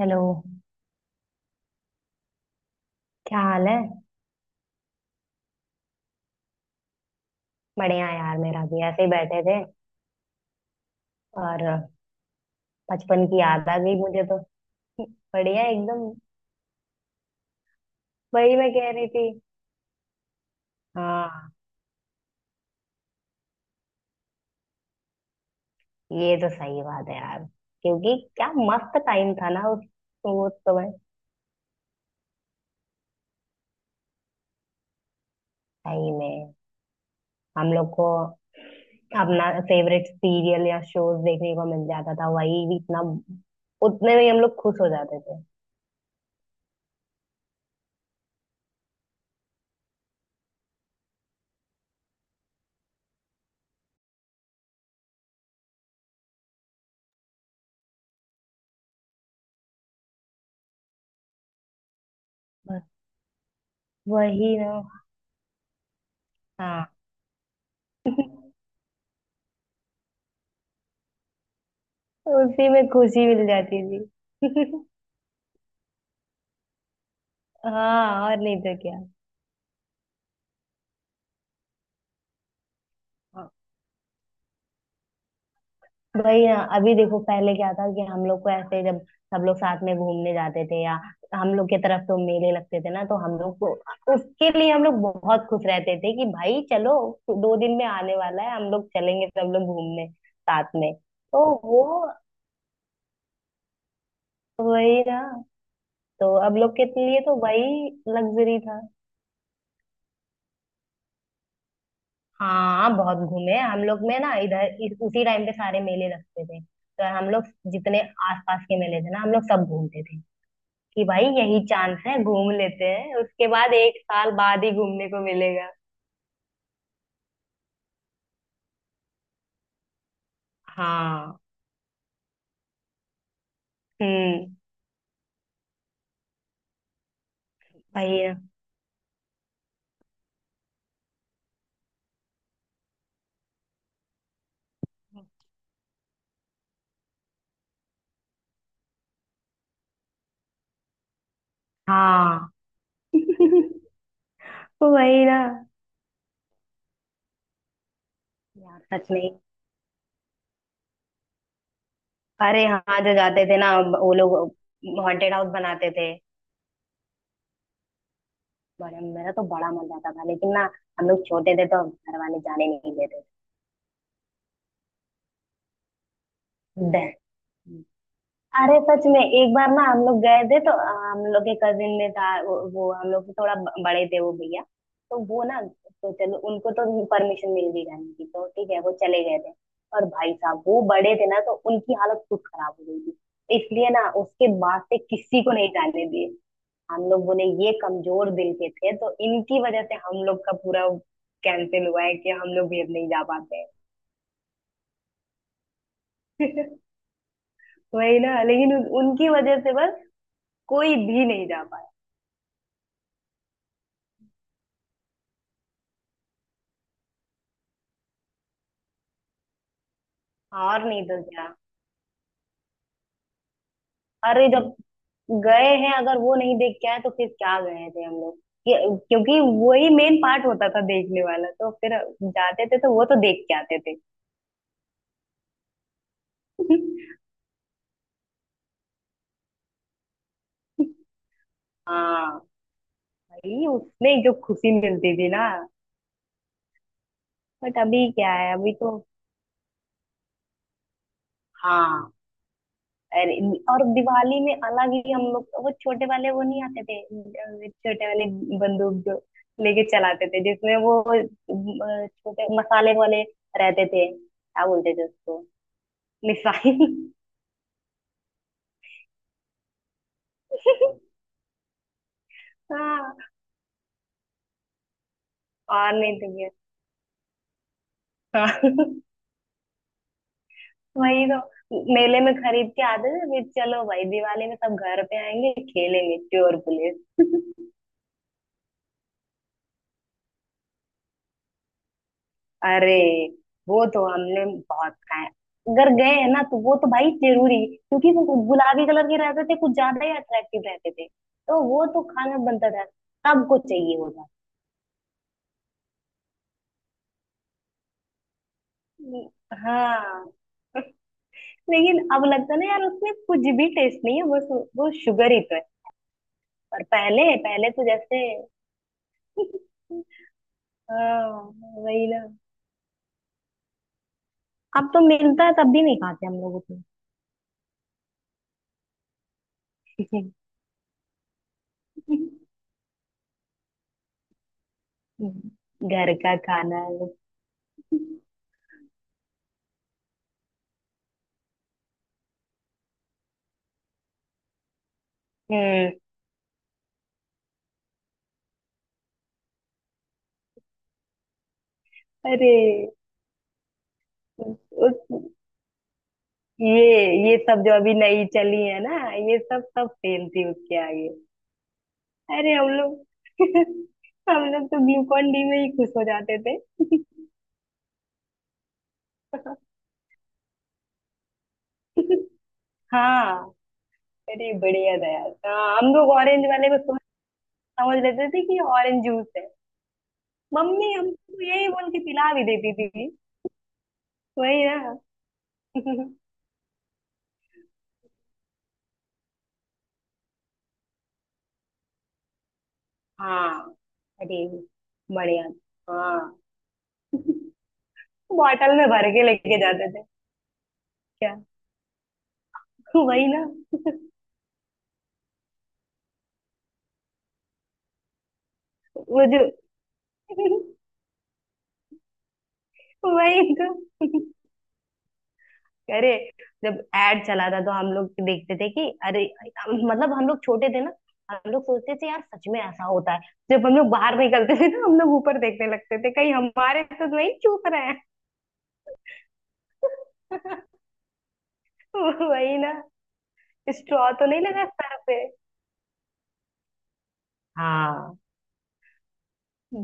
Hello. क्या हाल है? बढ़िया यार, मेरा भी ऐसे ही बैठे थे। और बचपन की याद आ गई मुझे तो। बढ़िया एकदम। वही मैं कह रही थी। हाँ, ये तो सही बात है यार। क्योंकि क्या मस्त टाइम था ना, उस वो समय। सही में। हम लोग को अपना फेवरेट सीरियल या शोज देखने को मिल जाता था, वही भी इतना। उतने में ही हम लोग खुश हो जाते थे। बस। वही ना। हाँ। उसी में खुशी मिल जाती थी। हाँ, और नहीं तो क्या। हाँ। वही ना, अभी देखो पहले क्या था कि हम लोग को ऐसे जब सब लोग साथ में घूमने जाते थे, या हम लोग के तरफ तो मेले लगते थे ना, तो हम लोग को उसके लिए हम लोग बहुत खुश रहते थे कि भाई चलो 2 दिन में आने वाला है, हम लोग चलेंगे सब लोग घूमने साथ में, तो वो। वही ना। तो अब लोग के लिए तो वही लग्जरी था। हाँ, बहुत घूमे हम लोग में ना, इधर उसी टाइम पे सारे मेले लगते थे, तो हम लोग जितने आसपास के मेले थे ना हम लोग सब घूमते थे, कि भाई यही चांस है घूम लेते हैं, उसके बाद एक साल बाद ही घूमने को मिलेगा। हाँ। हम्म। वही ना। हाँ। वही ना, यार सच में। अरे हाँ, जो जाते थे ना वो लोग हॉन्टेड हाउस बनाते थे। बड़े मेरा तो बड़ा मन जाता था, लेकिन ना हम लोग छोटे थे तो घर वाले जाने नहीं देते थे। अरे सच में, एक बार ना हम लोग गए थे तो हम लोग के कजिन में था वो हम लोग से थोड़ा बड़े थे वो भैया, तो वो ना तो चलो उनको तो परमिशन मिल गई जाने की, तो ठीक है वो चले गए थे। और भाई साहब वो बड़े थे ना, तो उनकी हालत खुद खराब हो गई थी। इसलिए ना उसके बाद से किसी को नहीं जाने दिए। हम लोग बोले ये कमजोर दिल के थे, तो इनकी वजह से हम लोग का पूरा कैंसिल हुआ है, कि हम लोग भी अब नहीं जा पाते हैं। वही ना, लेकिन उनकी वजह से बस कोई भी नहीं जा पाता। और नहीं तो क्या। अरे जब गए हैं, अगर वो नहीं देख के आए तो फिर क्या गए थे हम लोग। ये- क्योंकि वही मेन पार्ट होता था देखने वाला, तो फिर जाते थे तो वो तो देख के आते थे। हाँ, भाई उसमें जो खुशी मिलती थी ना। बट अभी क्या है, अभी तो। हाँ। अरे, और दिवाली में अलग ही, हम लोग वो छोटे वाले वो नहीं आते थे, छोटे वाले बंदूक जो लेके चलाते थे जिसमें वो छोटे मसाले वाले रहते थे, क्या बोलते थे उसको। मिसाइल। हाँ, और नहीं तो क्या। हाँ, वही तो मेले में खरीद के आते थे, फिर चलो भाई दिवाली में सब घर पे आएंगे, खेलेंगे चोर पुलिस। अरे वो तो हमने बहुत खाए। अगर गए हैं ना तो वो तो भाई जरूरी, क्योंकि वो गुलाबी कलर के रहते थे, कुछ ज्यादा ही अट्रैक्टिव रहते थे, तो वो तो खाना बनता था, सबको चाहिए होता। हाँ, लेकिन अब लगता है ना यार उसमें कुछ भी टेस्ट नहीं है, बस वो शुगर ही। पर पहले पहले तो जैसे। हाँ, वही ना। अब तो मिलता है तब भी नहीं खाते हम लोग उतना। घर का खाना। हम्म। अरे उस ये ये सब जो अभी नई चली है ना, ये सब सब फेल थी उसके आगे। अरे हम लोग। हम लोग तो ग्लूकॉन डी में ही खुश हो जाते थे। हाँ, अरे बढ़िया था यार। हाँ, हम लोग ऑरेंज वाले को सोच समझ लेते थे कि ऑरेंज जूस है। मम्मी हमको यही बोल के पिला भी देती थी। वही ना। हाँ, अरे बढ़िया। हाँ, बॉटल में भर के लेके जाते थे। क्या। वही ना, वो जो। वही तो। अरे जब एड चला था तो हम लोग देखते थे कि अरे, मतलब हम लोग छोटे थे ना, हम लोग सोचते थे यार सच में ऐसा होता है। जब हम लोग बाहर निकलते थे ना हम लोग ऊपर देखने लगते थे, कहीं हमारे तो नहीं चूक रहे हैं। वही ना, स्ट्रॉ तो नहीं लगा सर पे। हाँ,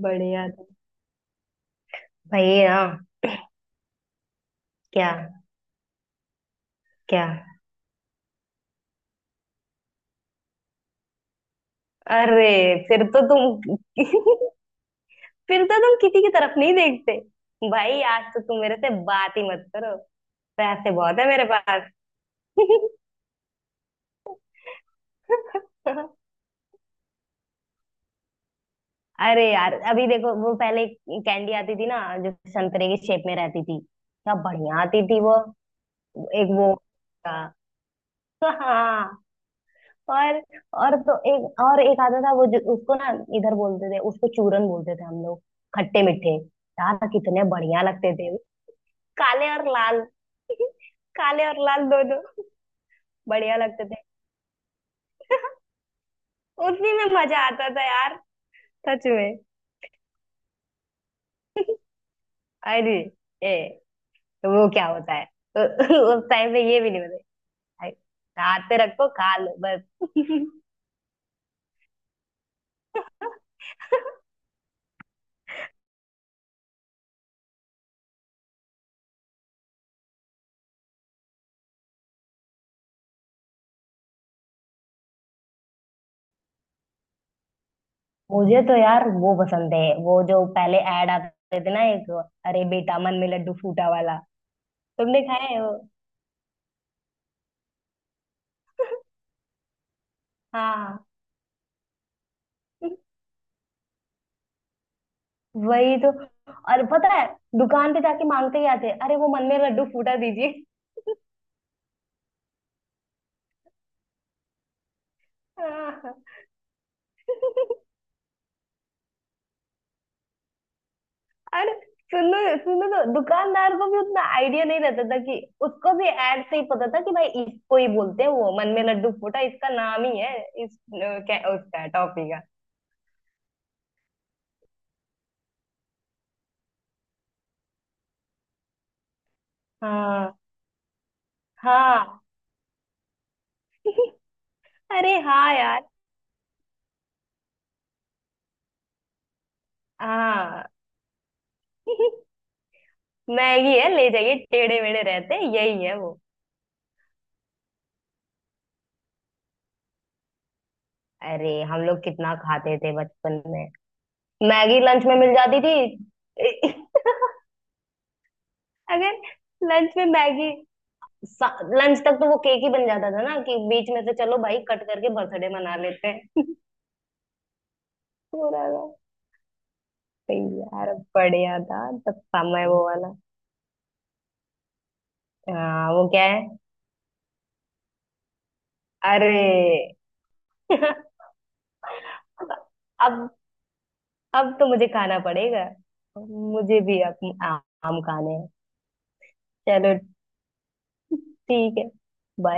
बढ़िया था भाई ना। क्या। क्या। अरे फिर तो तुम। फिर तो तुम किसी की तरफ नहीं देखते। भाई आज तो तुम मेरे से बात ही मत करो, पैसे बहुत है मेरे पास। अरे यार अभी देखो, वो पहले कैंडी आती थी ना जो संतरे की शेप में रहती थी, क्या बढ़िया आती थी वो। एक वो था। हाँ। और और तो एक और एक आता था, वो जो उसको ना इधर बोलते थे, उसको चूरन बोलते थे हम लोग, खट्टे मीठे। यार कितने बढ़िया लगते थे वो। काले और लाल। काले और लाल दोनों। बढ़िया लगते थे। उसी में मजा आता था यार। सच में। अरे। ए, तो वो क्या होता है, तो। उस टाइम पे ये भी नहीं होता। हाथ पे रखो खा लो बस। मुझे तो यार वो पसंद है, वो जो पहले ऐड आते थे ना, एक अरे बेटा मन में लड्डू फूटा वाला, तुमने खाया है वो? हाँ, वही तो। और पता है दुकान पे जाके मांगते ही आते, अरे वो मन में लड्डू फूटा दीजिए। हाँ। अरे सुनो, सुनो तो दुकानदार को भी उतना आइडिया नहीं रहता था कि, उसको भी ऐड से ही पता था कि भाई इसको ही बोलते हैं, वो मन में लड्डू फूटा इसका नाम ही है। इस क्या उसका टॉफी का। हाँ हाँ, अरे हाँ यार, हाँ मैगी है ले जाइए, टेढ़े मेढ़े रहते हैं यही है वो। अरे हम लोग कितना खाते थे बचपन में, मैगी लंच में मिल जाती थी। अगर लंच में मैगी, लंच तक तो वो केक ही बन जाता था ना, कि बीच में से चलो भाई कट करके बर्थडे मना लेते हैं। पूरा था। तो यार बढ़िया था तब, समय वो वाला। हाँ वो क्या है? अरे। अब अब तो मुझे खाना पड़ेगा। मुझे भी अब आम खाने हैं। चलो, ठीक है। Bye.